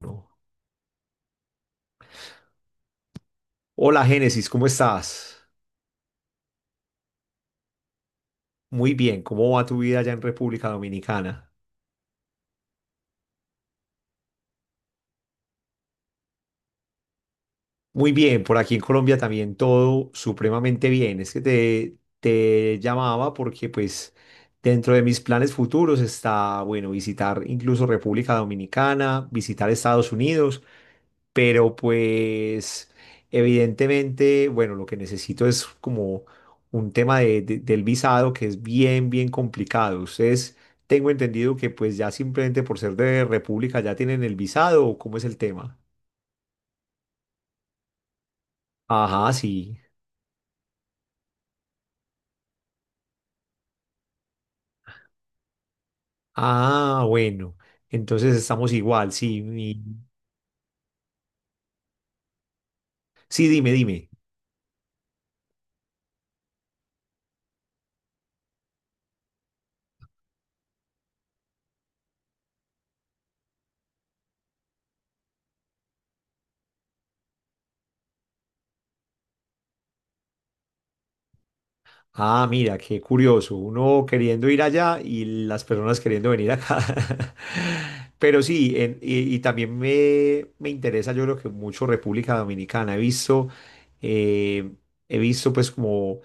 No. Hola Génesis, ¿cómo estás? Muy bien, ¿cómo va tu vida allá en República Dominicana? Muy bien, por aquí en Colombia también todo supremamente bien. Es que te llamaba porque pues dentro de mis planes futuros está, bueno, visitar incluso República Dominicana, visitar Estados Unidos. Pero pues evidentemente, bueno, lo que necesito es como un tema del visado que es bien, bien complicado. Ustedes tengo entendido que pues ya simplemente por ser de República ya tienen el visado, ¿o cómo es el tema? Ajá, sí. Ah, bueno. Entonces estamos igual, sí. Sí, dime, dime. Ah, mira, qué curioso. Uno queriendo ir allá y las personas queriendo venir acá. Pero sí, y también me interesa, yo creo que mucho República Dominicana. Eh, he visto pues como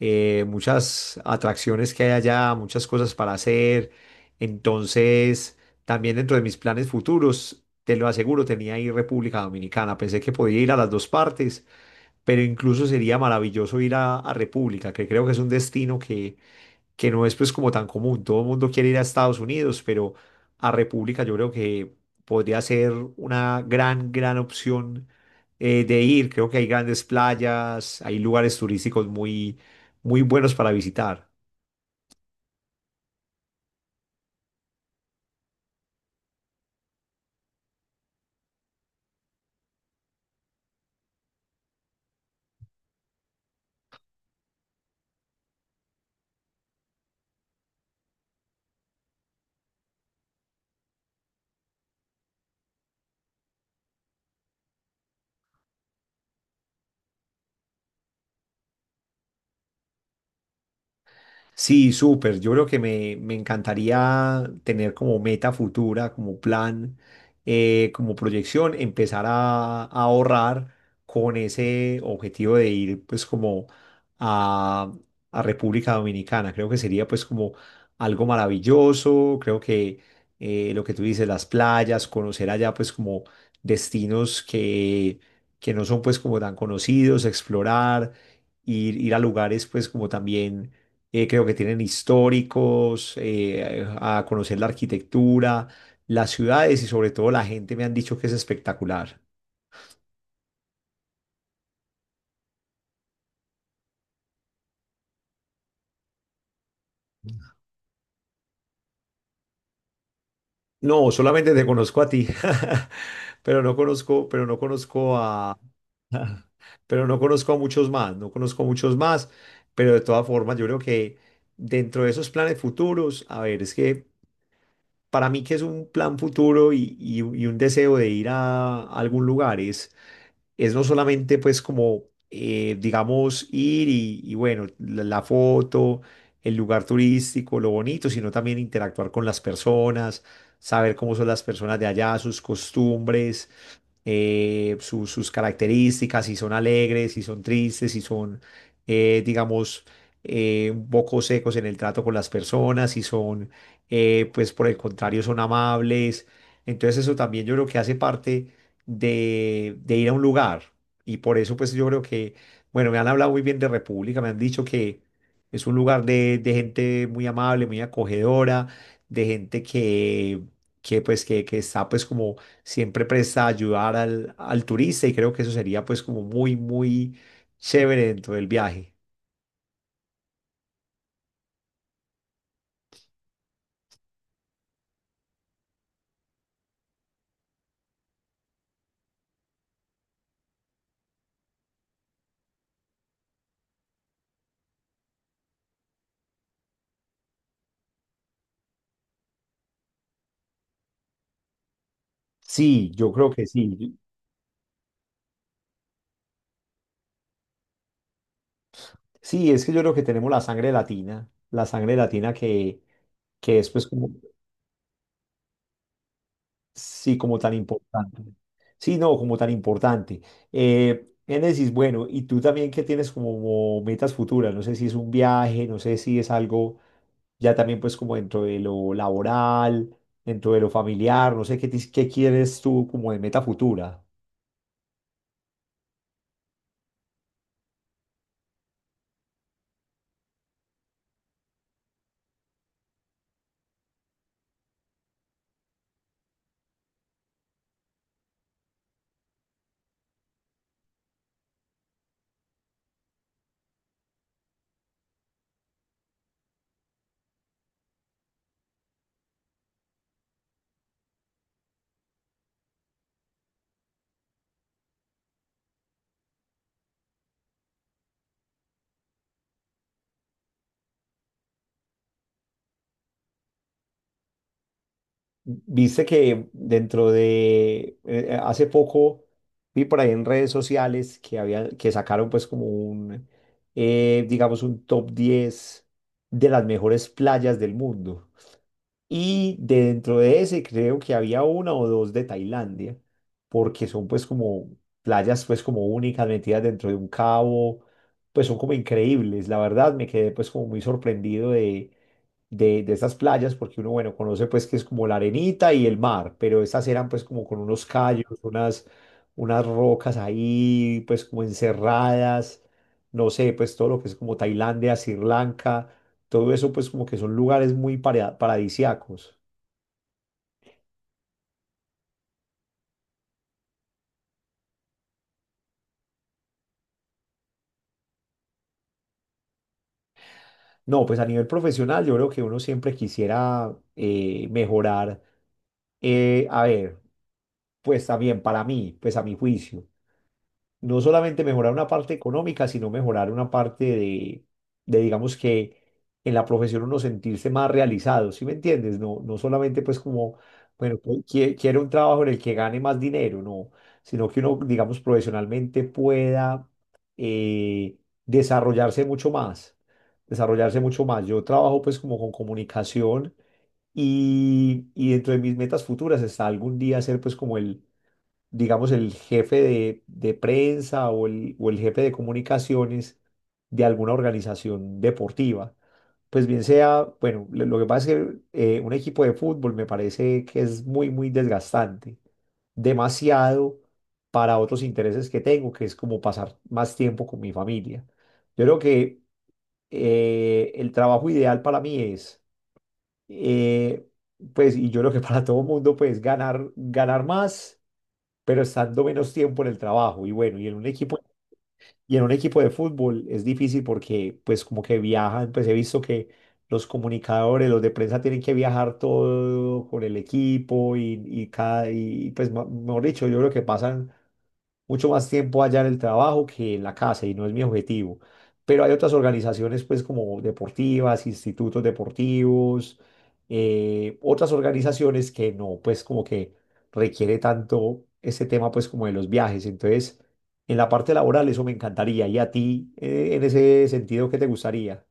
muchas atracciones que hay allá, muchas cosas para hacer. Entonces, también dentro de mis planes futuros, te lo aseguro, tenía ir República Dominicana. Pensé que podía ir a las dos partes, pero incluso sería maravilloso ir a República, que creo que es un destino que no es pues como tan común. Todo el mundo quiere ir a Estados Unidos, pero a República yo creo que podría ser una gran, gran opción de ir. Creo que hay grandes playas, hay lugares turísticos muy, muy buenos para visitar. Sí, súper. Yo creo que me encantaría tener como meta futura, como plan, como proyección, empezar a ahorrar con ese objetivo de ir pues como a, a República Dominicana. Creo que sería pues como algo maravilloso. Creo que lo que tú dices, las playas, conocer allá pues como destinos que no son pues como tan conocidos, explorar, ir, ir a lugares pues como también creo que tienen históricos, a conocer la arquitectura, las ciudades y sobre todo la gente me han dicho que es espectacular. No, solamente te conozco a ti, pero no conozco a, pero no conozco a muchos más, no conozco a muchos más, pero de todas formas yo creo que dentro de esos planes futuros, a ver, es que para mí que es un plan futuro y, y un deseo de ir a algún lugar es no solamente pues como, digamos, ir y bueno, la foto, el lugar turístico, lo bonito, sino también interactuar con las personas, saber cómo son las personas de allá, sus costumbres, eh, sus características, si son alegres, si son tristes, si son, digamos, un poco secos en el trato con las personas, si son, pues por el contrario, son amables. Entonces eso también yo creo que hace parte de ir a un lugar. Y por eso pues yo creo que, bueno, me han hablado muy bien de República, me han dicho que es un lugar de gente muy amable, muy acogedora, de gente que pues que está pues como siempre presta a ayudar al, al turista y creo que eso sería pues como muy, muy chévere dentro del viaje. Sí, yo creo que sí. Sí, es que yo creo que tenemos la sangre latina que es pues como, sí, como tan importante. Sí, no, como tan importante. Génesis, bueno, y tú también que tienes como metas futuras, no sé si es un viaje, no sé si es algo ya también pues como dentro de lo laboral, dentro de lo familiar, no sé qué, qué quieres tú como de meta futura. Viste que dentro de hace poco vi por ahí en redes sociales que había que sacaron pues como un digamos un top 10 de las mejores playas del mundo. Y dentro de ese creo que había una o dos de Tailandia, porque son pues como playas pues como únicas metidas dentro de un cabo, pues son como increíbles. La verdad me quedé pues como muy sorprendido de, de estas playas, porque uno bueno conoce pues que es como la arenita y el mar, pero estas eran pues como con unos callos, unas, unas rocas ahí pues como encerradas, no sé, pues todo lo que es como Tailandia, Sri Lanka. Todo eso pues como que son lugares muy paradisiacos. Paradisíacos. No, pues a nivel profesional yo creo que uno siempre quisiera mejorar. Eh, a ver, pues también para mí, pues a mi juicio, no solamente mejorar una parte económica, sino mejorar una parte de, digamos que en la profesión uno sentirse más realizado, ¿sí me entiendes? No, no solamente pues como, bueno, pues, quiero un trabajo en el que gane más dinero, no, sino que uno, digamos, profesionalmente pueda eh, desarrollarse mucho más, desarrollarse mucho más. Yo trabajo pues como con comunicación. Y dentro de mis metas futuras está algún día ser pues como el, digamos, el jefe de prensa o el jefe de comunicaciones de alguna organización deportiva. Pues bien sea, bueno, lo que pasa es que un equipo de fútbol me parece que es muy, muy desgastante, demasiado para otros intereses que tengo, que es como pasar más tiempo con mi familia. Yo creo que el trabajo ideal para mí es, eh, pues, y yo creo que para todo mundo, pues, ganar, ganar más pero estando menos tiempo en el trabajo. Y bueno, y en un equipo de fútbol es difícil porque pues como que viajan, pues he visto que los comunicadores, los de prensa tienen que viajar todo con el equipo y cada, y pues mejor dicho, yo creo que pasan mucho más tiempo allá en el trabajo que en la casa y no es mi objetivo. Pero hay otras organizaciones, pues como deportivas, institutos deportivos, otras organizaciones que no, pues como que requiere tanto ese tema, pues como de los viajes. Entonces, en la parte laboral eso me encantaría. ¿Y a ti, en ese sentido, qué te gustaría?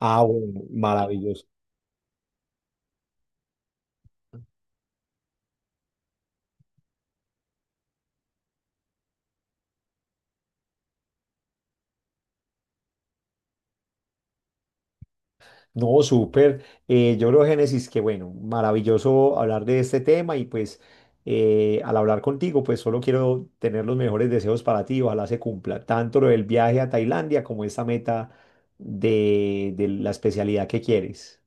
Ah, bueno, maravilloso. No, súper. Yo creo, Génesis, que bueno, maravilloso hablar de este tema y pues al hablar contigo, pues solo quiero tener los mejores deseos para ti. Ojalá se cumpla tanto lo del viaje a Tailandia como esta meta de la especialidad que quieres.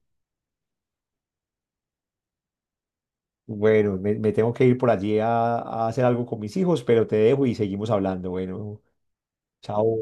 Bueno, me tengo que ir por allí a hacer algo con mis hijos, pero te dejo y seguimos hablando. Bueno, chao.